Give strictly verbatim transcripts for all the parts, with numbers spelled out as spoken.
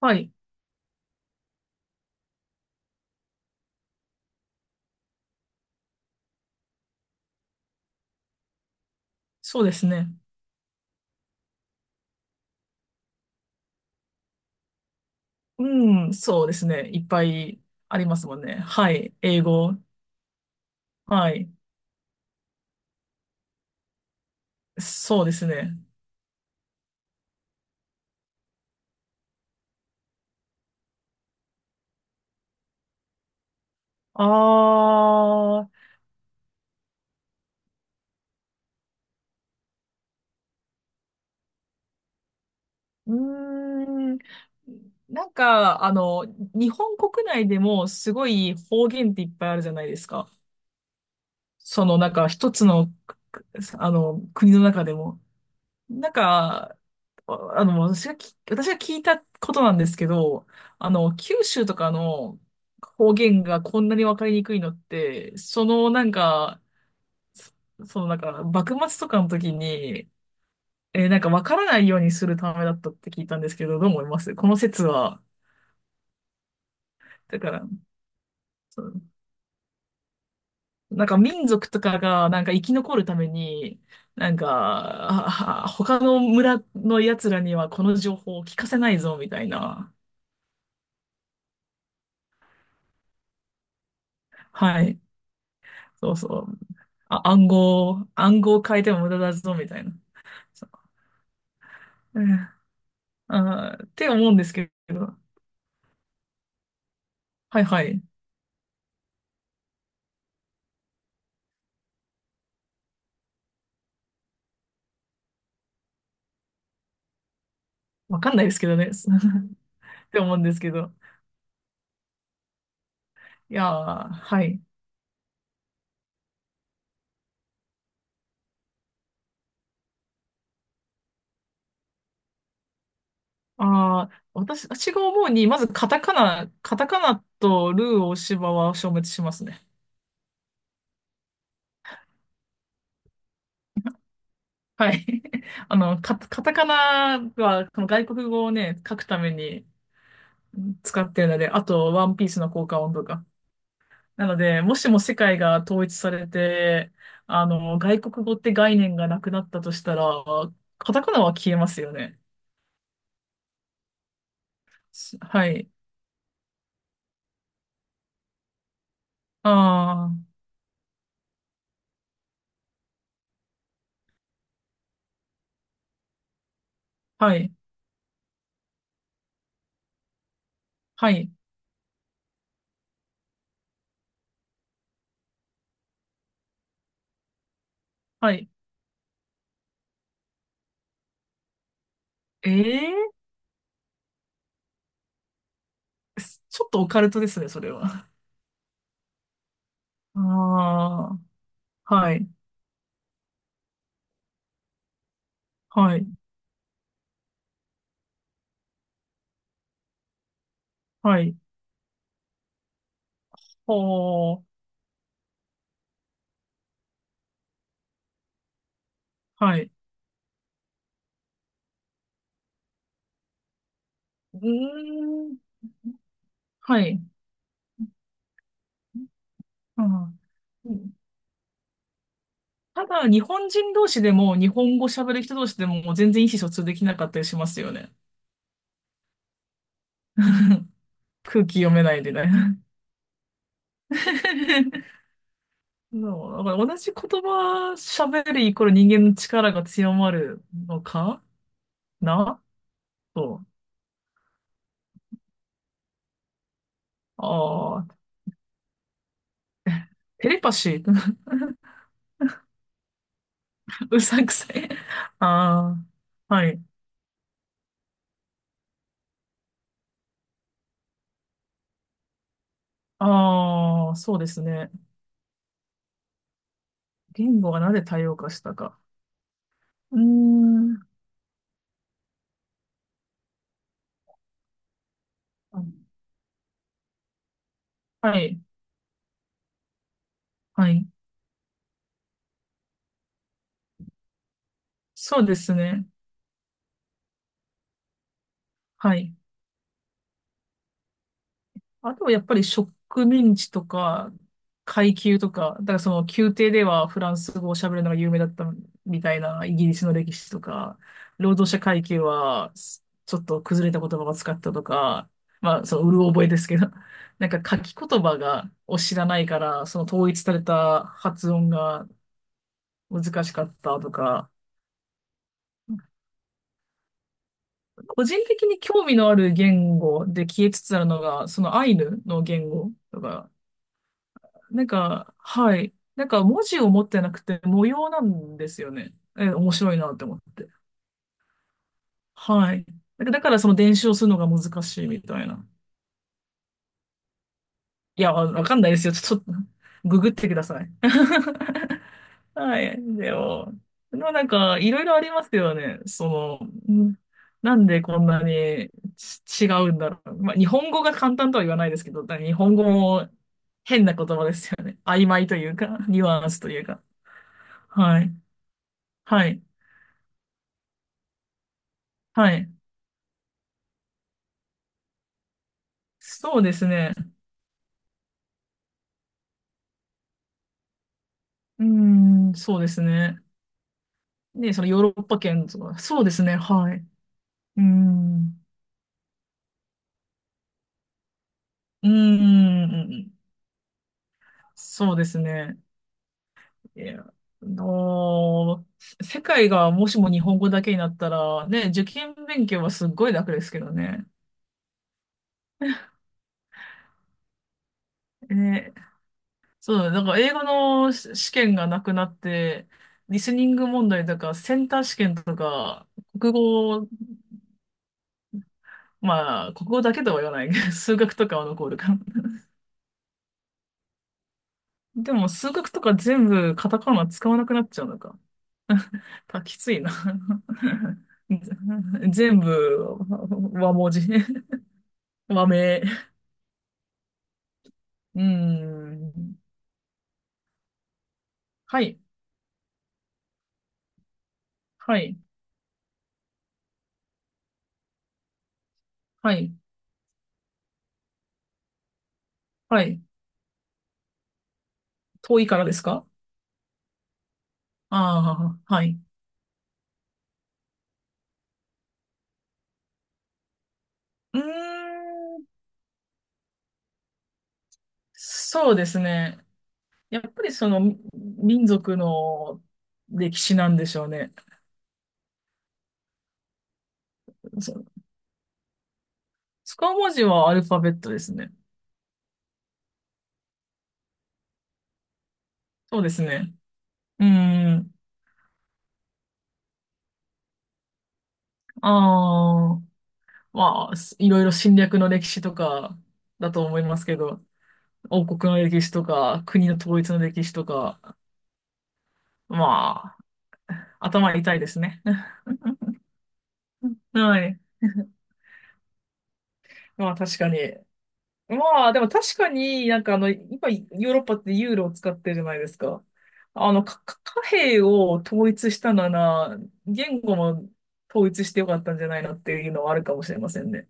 はい。そうですね。うん、そうですね。いっぱいありますもんね。はい。英語。はい。そうですね。あー、うーん。なんか、あの、日本国内でもすごい方言っていっぱいあるじゃないですか。その、なんか一つの、くあの、国の中でも。なんか、あの、私がき、私が聞いたことなんですけど、あの、九州とかの方言がこんなにわかりにくいのって、そのなんか、そそのなんか、幕末とかの時に、えーなんかわからないようにするためだったって聞いたんですけど、どう思いますこの説は？だから、そうなんか民族とかがなんか生き残るために、なんか、ああ他の村の奴らにはこの情報を聞かせないぞ、みたいな。はい。そうそう。あ、暗号、暗号を変えても無駄だぞ、みたいな。そう、うんあーって思うんですけど。はいはい。わかんないですけどね。って思うんですけど。いやー、はい。ああ、私、私が思うに、まずカタカナ、カタカナとルー大柴は消滅しますね。はい。あの、カタ、カタカナは、この外国語をね、書くためにうん使ってるので、あと、ワンピースの効果音とか。なので、もしも世界が統一されて、あの、外国語って概念がなくなったとしたら、カタカナは消えますよね。しはい。ああ、はい、はい、はい。ええーすちょっとオカルトですね、それは。ああ、はい、はい、はい、ほー、はい。うーん、はい。うんただ、日本人同士でも、日本語喋る人同士でも、全然意思疎通できなかったりしますよね。空気読めないでね。そう、だから同じ言葉喋るイコール人間の力が強まるのかなそう。ああ、テレパシー、うさんくさい。ああ、はい。ああ、そうですね。言語がなぜ多様化したか。うーん。はい。はい。そうですね。はい。あとはやっぱり植民地とか階級とか、だからその宮廷ではフランス語を喋るのが有名だったみたいなイギリスの歴史とか、労働者階級はすちょっと崩れた言葉を使ったとか、まあそのうる覚えですけど、なんか書き言葉がを知らないから、その統一された発音が難しかったとか、個人的に興味のある言語で消えつつあるのが、そのアイヌの言語とか、なんか、はい。なんか文字を持ってなくて模様なんですよね。え、面白いなって思って。はい。だからだからその伝承するのが難しいみたいな。いや、わわかんないですよ。ちょ っと、ググってください。はい。でも、でもなんか、いろいろありますよね。その、んなんでこんなにち違うんだろう。まあ、日本語が簡単とは言わないですけど、だから日本語も変な言葉ですよね。曖昧というか、ニュアンスというか。はい。はい。はい。そうですね。うーん、そうですね。で、そのヨーロッパ圏とか、そうですね。はい。うーん。うーん。そうですね。いや、あのー世界がもしも日本語だけになったら、ね、受験勉強はすっごい楽ですけどね。ね、そう、だから英語のし試験がなくなって、リスニング問題とか、センター試験とか、国語まあ、国語だけとは言わない。数学とかは残るかな。でも、数学とか全部カタカナ使わなくなっちゃうのか。た、きついな。全部和文字。和名。うん。はい。はい。はい。はい。遠いからですかああー、はい。うーん。そうですね。やっぱりその民族の歴史なんでしょうね。そ、使う文字はアルファベットですね。そうですね。うーん。ああ、まあ、すいろいろ侵略の歴史とかだと思いますけど、王国の歴史とか、国の統一の歴史とか、まあ、頭痛いですね。はい。まあ、確かに。まあ、でも確かになんかあの、今、ヨーロッパってユーロを使ってるじゃないですか。あの、かか貨幣を統一したなら、言語も統一してよかったんじゃないのっていうのはあるかもしれませんね。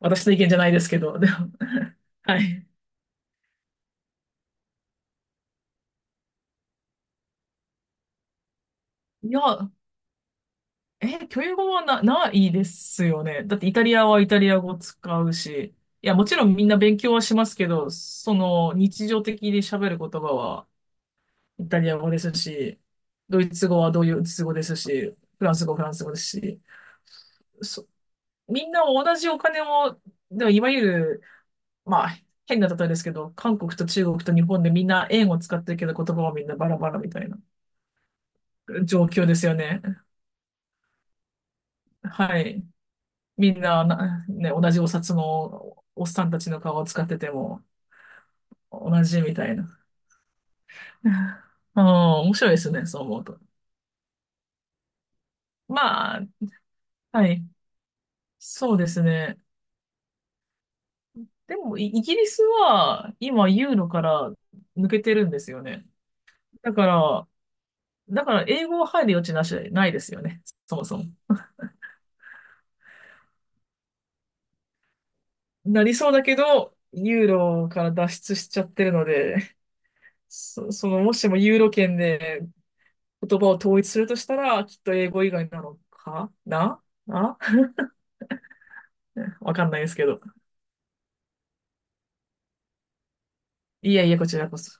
私の意見じゃないですけど、でも、はい。いや、え、教育語はな、ないですよね。だってイタリアはイタリア語使うし、いや、もちろんみんな勉強はしますけど、その日常的に喋る言葉はイタリア語ですし、ドイツ語はドイツ語ですし、フランス語はフランス語ですし、そ、みんな同じお金を、でもいわゆる、まあ、変な例えですけど、韓国と中国と日本でみんな円を使ってるけど言葉はみんなバラバラみたいな状況ですよね。はい。みんな、な、ね、同じお札のおっさんたちの顔を使ってても同じみたいな。うん、面白いですね、そう思うと。まあ、はい。そうですね。でも、イイギリスは今ユーロから抜けてるんですよね。だから、だから英語は入る余地なしないですよね。そもそも。なりそうだけど、ユーロから脱出しちゃってるので、そ、その、もしもユーロ圏で言葉を統一するとしたら、きっと英語以外なのかなな わかんないですけど。いやいや、こちらこそ。